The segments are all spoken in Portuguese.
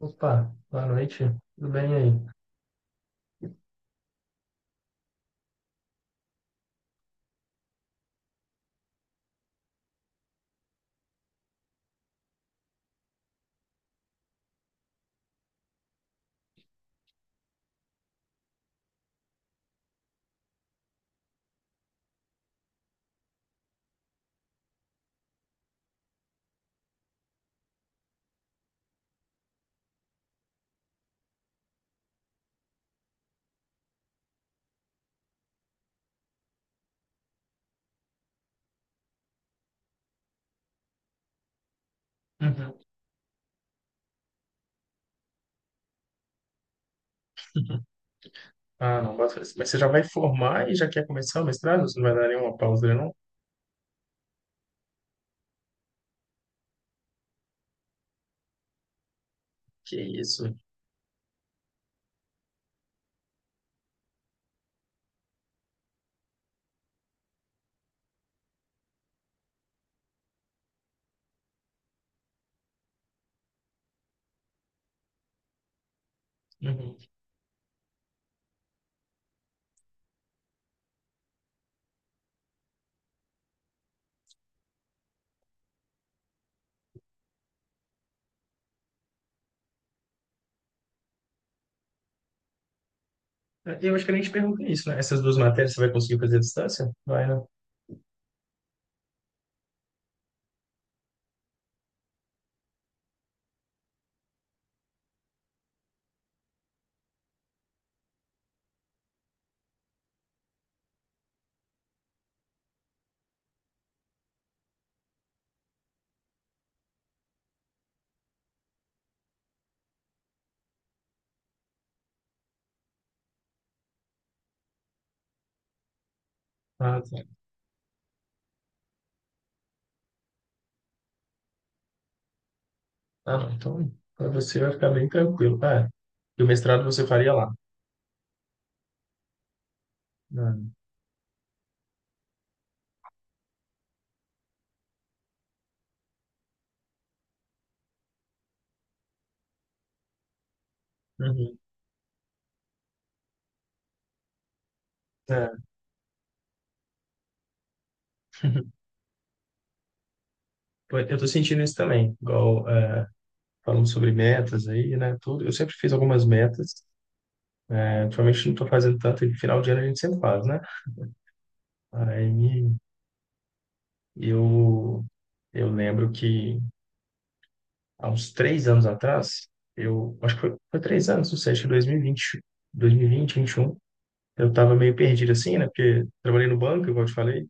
Opa, boa noite. Tudo bem aí? Uhum. Ah, não, bota fé. Mas você já vai formar e já quer começar o mestrado? Você não vai dar nenhuma pausa, né, não? Que isso? Uhum. Eu acho que eu nem te perguntei isso, né? Essas duas matérias você vai conseguir fazer à distância? Vai, né? Ah, tá. Ah, não. Então, para você vai ficar bem tranquilo. Ah, e o mestrado você faria lá. Ah, uhum. É. Pô, eu tô sentindo isso também, igual é, falando sobre metas aí, né? Tudo. Eu sempre fiz algumas metas, né? Ultimamente não tô fazendo tanto, e final de ano a gente sempre faz, né? Aí eu, eu lembro que há uns 3 anos atrás, eu acho que foi, foi 3 anos, não sei, acho que 2020, 2020, 2021, eu estava meio perdido assim, né? Porque trabalhei no banco, igual eu te falei,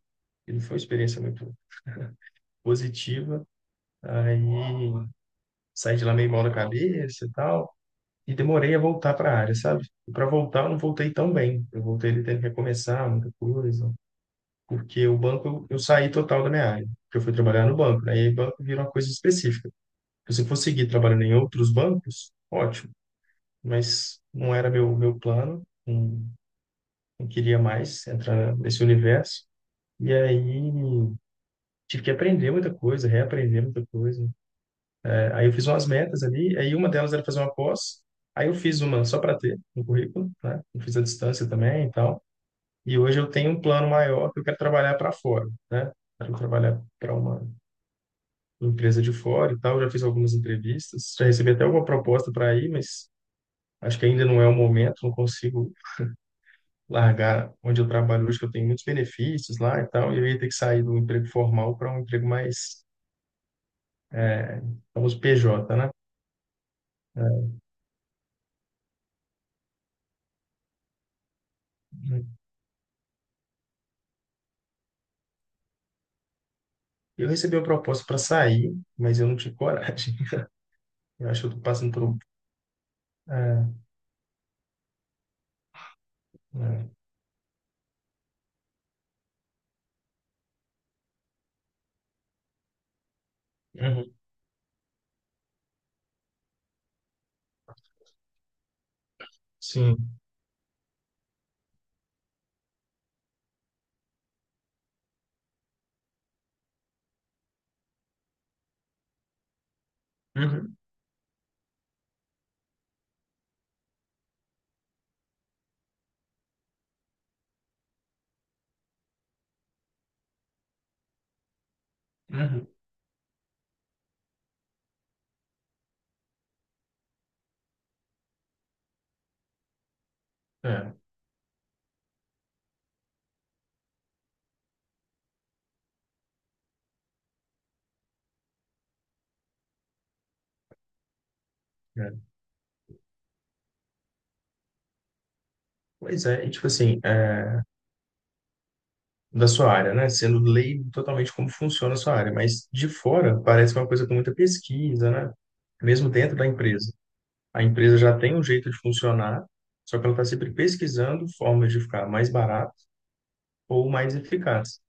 e não foi uma experiência muito positiva. Aí saí de lá meio mal da cabeça e tal, e demorei a voltar para a área, sabe? E para voltar, eu não voltei tão bem. Eu voltei ali tendo que recomeçar muita coisa. Porque o banco eu saí total da minha área, porque eu fui trabalhar no banco, né? E aí banco vira uma coisa específica. Então, se eu for seguir trabalhando em outros bancos, ótimo, mas não era meu plano, não, não queria mais entrar nesse universo. E aí tive que aprender muita coisa, reaprender muita coisa. É, aí eu fiz umas metas ali, aí uma delas era fazer uma pós, aí eu fiz uma só para ter no currículo, né? Eu fiz a distância também e tal. E hoje eu tenho um plano maior que eu quero trabalhar para fora, né? Quero trabalhar para uma empresa de fora e tal, já fiz algumas entrevistas, já recebi até alguma proposta para ir, mas acho que ainda não é o momento, não consigo largar onde eu trabalho hoje, que eu tenho muitos benefícios lá e tal, e eu ia ter que sair do emprego formal para um emprego mais, famoso PJ, né? É. Eu recebi uma proposta para sair, mas eu não tive coragem. Eu acho que eu tô passando por um. É, é. Uhum, sim. Uhum, uhum, é, é. Pois é, e tipo assim, é, da sua área, né? Sendo leigo totalmente como funciona a sua área, mas de fora parece uma coisa com muita pesquisa, né? Mesmo dentro da empresa. A empresa já tem um jeito de funcionar, só que ela está sempre pesquisando formas de ficar mais barato ou mais eficaz.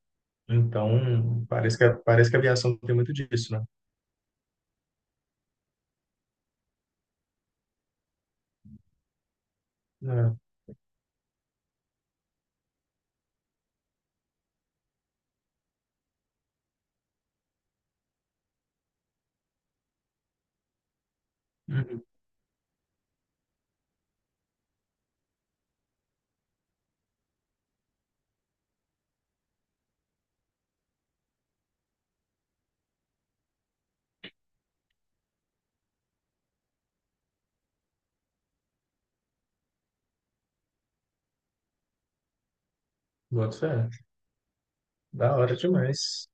Então, parece que a aviação tem muito disso, né? É. Uhum. Boto fé. Da hora demais.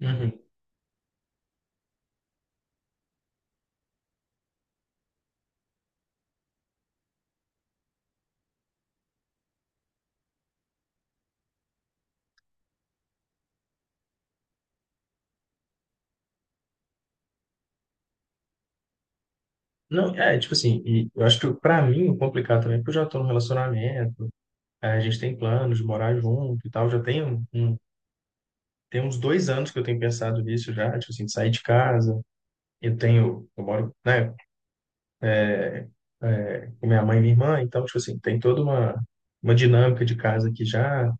Uhum. Não, é, tipo assim, e eu acho que pra mim o complicado também, é porque eu já tô num relacionamento, é, a gente tem planos de morar junto e tal, já tem um. Tem uns 2 anos que eu tenho pensado nisso já, tipo assim, de sair de casa. Eu tenho, eu moro, né, é, com minha mãe e minha irmã, então, tipo assim, tem toda uma dinâmica de casa aqui já.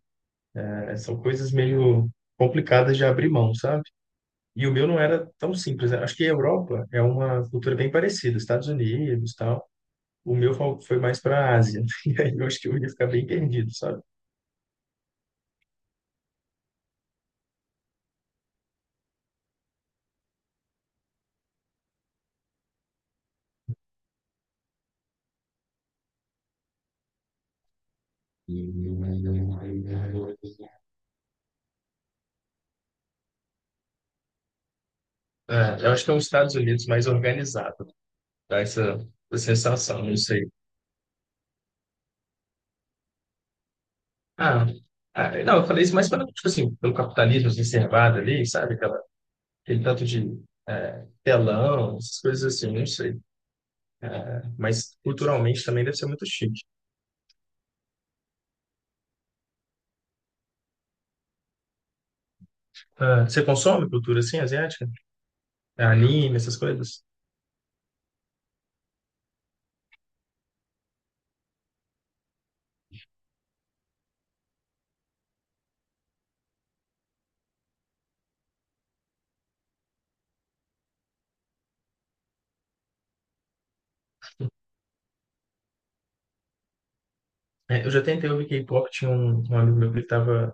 É, são coisas meio complicadas de abrir mão, sabe? E o meu não era tão simples. Né? Acho que a Europa é uma cultura bem parecida, Estados Unidos, tal. O meu foi mais para a Ásia. E aí eu acho que eu ia ficar bem perdido, sabe? É, eu acho que é os Estados Unidos mais organizado, dá essa sensação, não sei. Ah, ah, não, eu falei isso mais pelo, tipo assim, pelo capitalismo exacerbado ali, sabe? Aquela, aquele tanto de telão, essas coisas assim, não sei. Eh, mas culturalmente também deve ser muito chique. Ah, você consome cultura assim, asiática? É, anime, essas coisas? Eh, eu já tentei ouvir K-pop, tinha um amigo meu que ele tava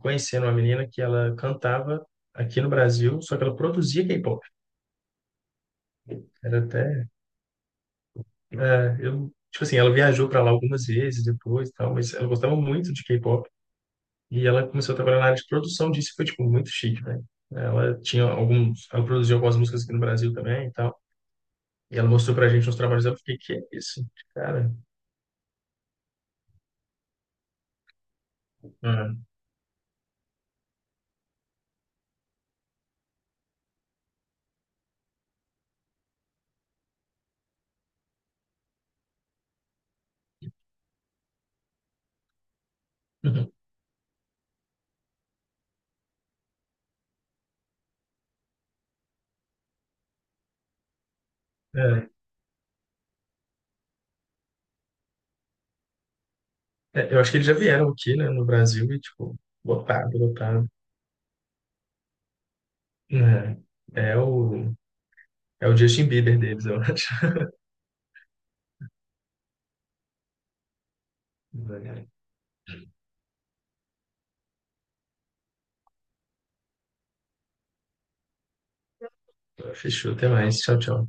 conhecendo uma menina que ela cantava aqui no Brasil, só que ela produzia K-pop. Era até, eu, tipo assim, ela viajou para lá algumas vezes depois e tal, mas ela gostava muito de K-pop. E ela começou a trabalhar na área de produção disso, e foi, tipo, muito chique, né? Ela tinha alguns... Ela produziu algumas músicas aqui no Brasil também e tal. E ela mostrou pra gente uns trabalhos. Eu fiquei, que é isso? Cara, hum. Uhum. É, é, eu acho que eles já vieram aqui, né, no Brasil e, tipo, lotado, lotado. É, é o... É o Justin Bieber deles, eu acho. Fechou, até mais. Tchau, tchau.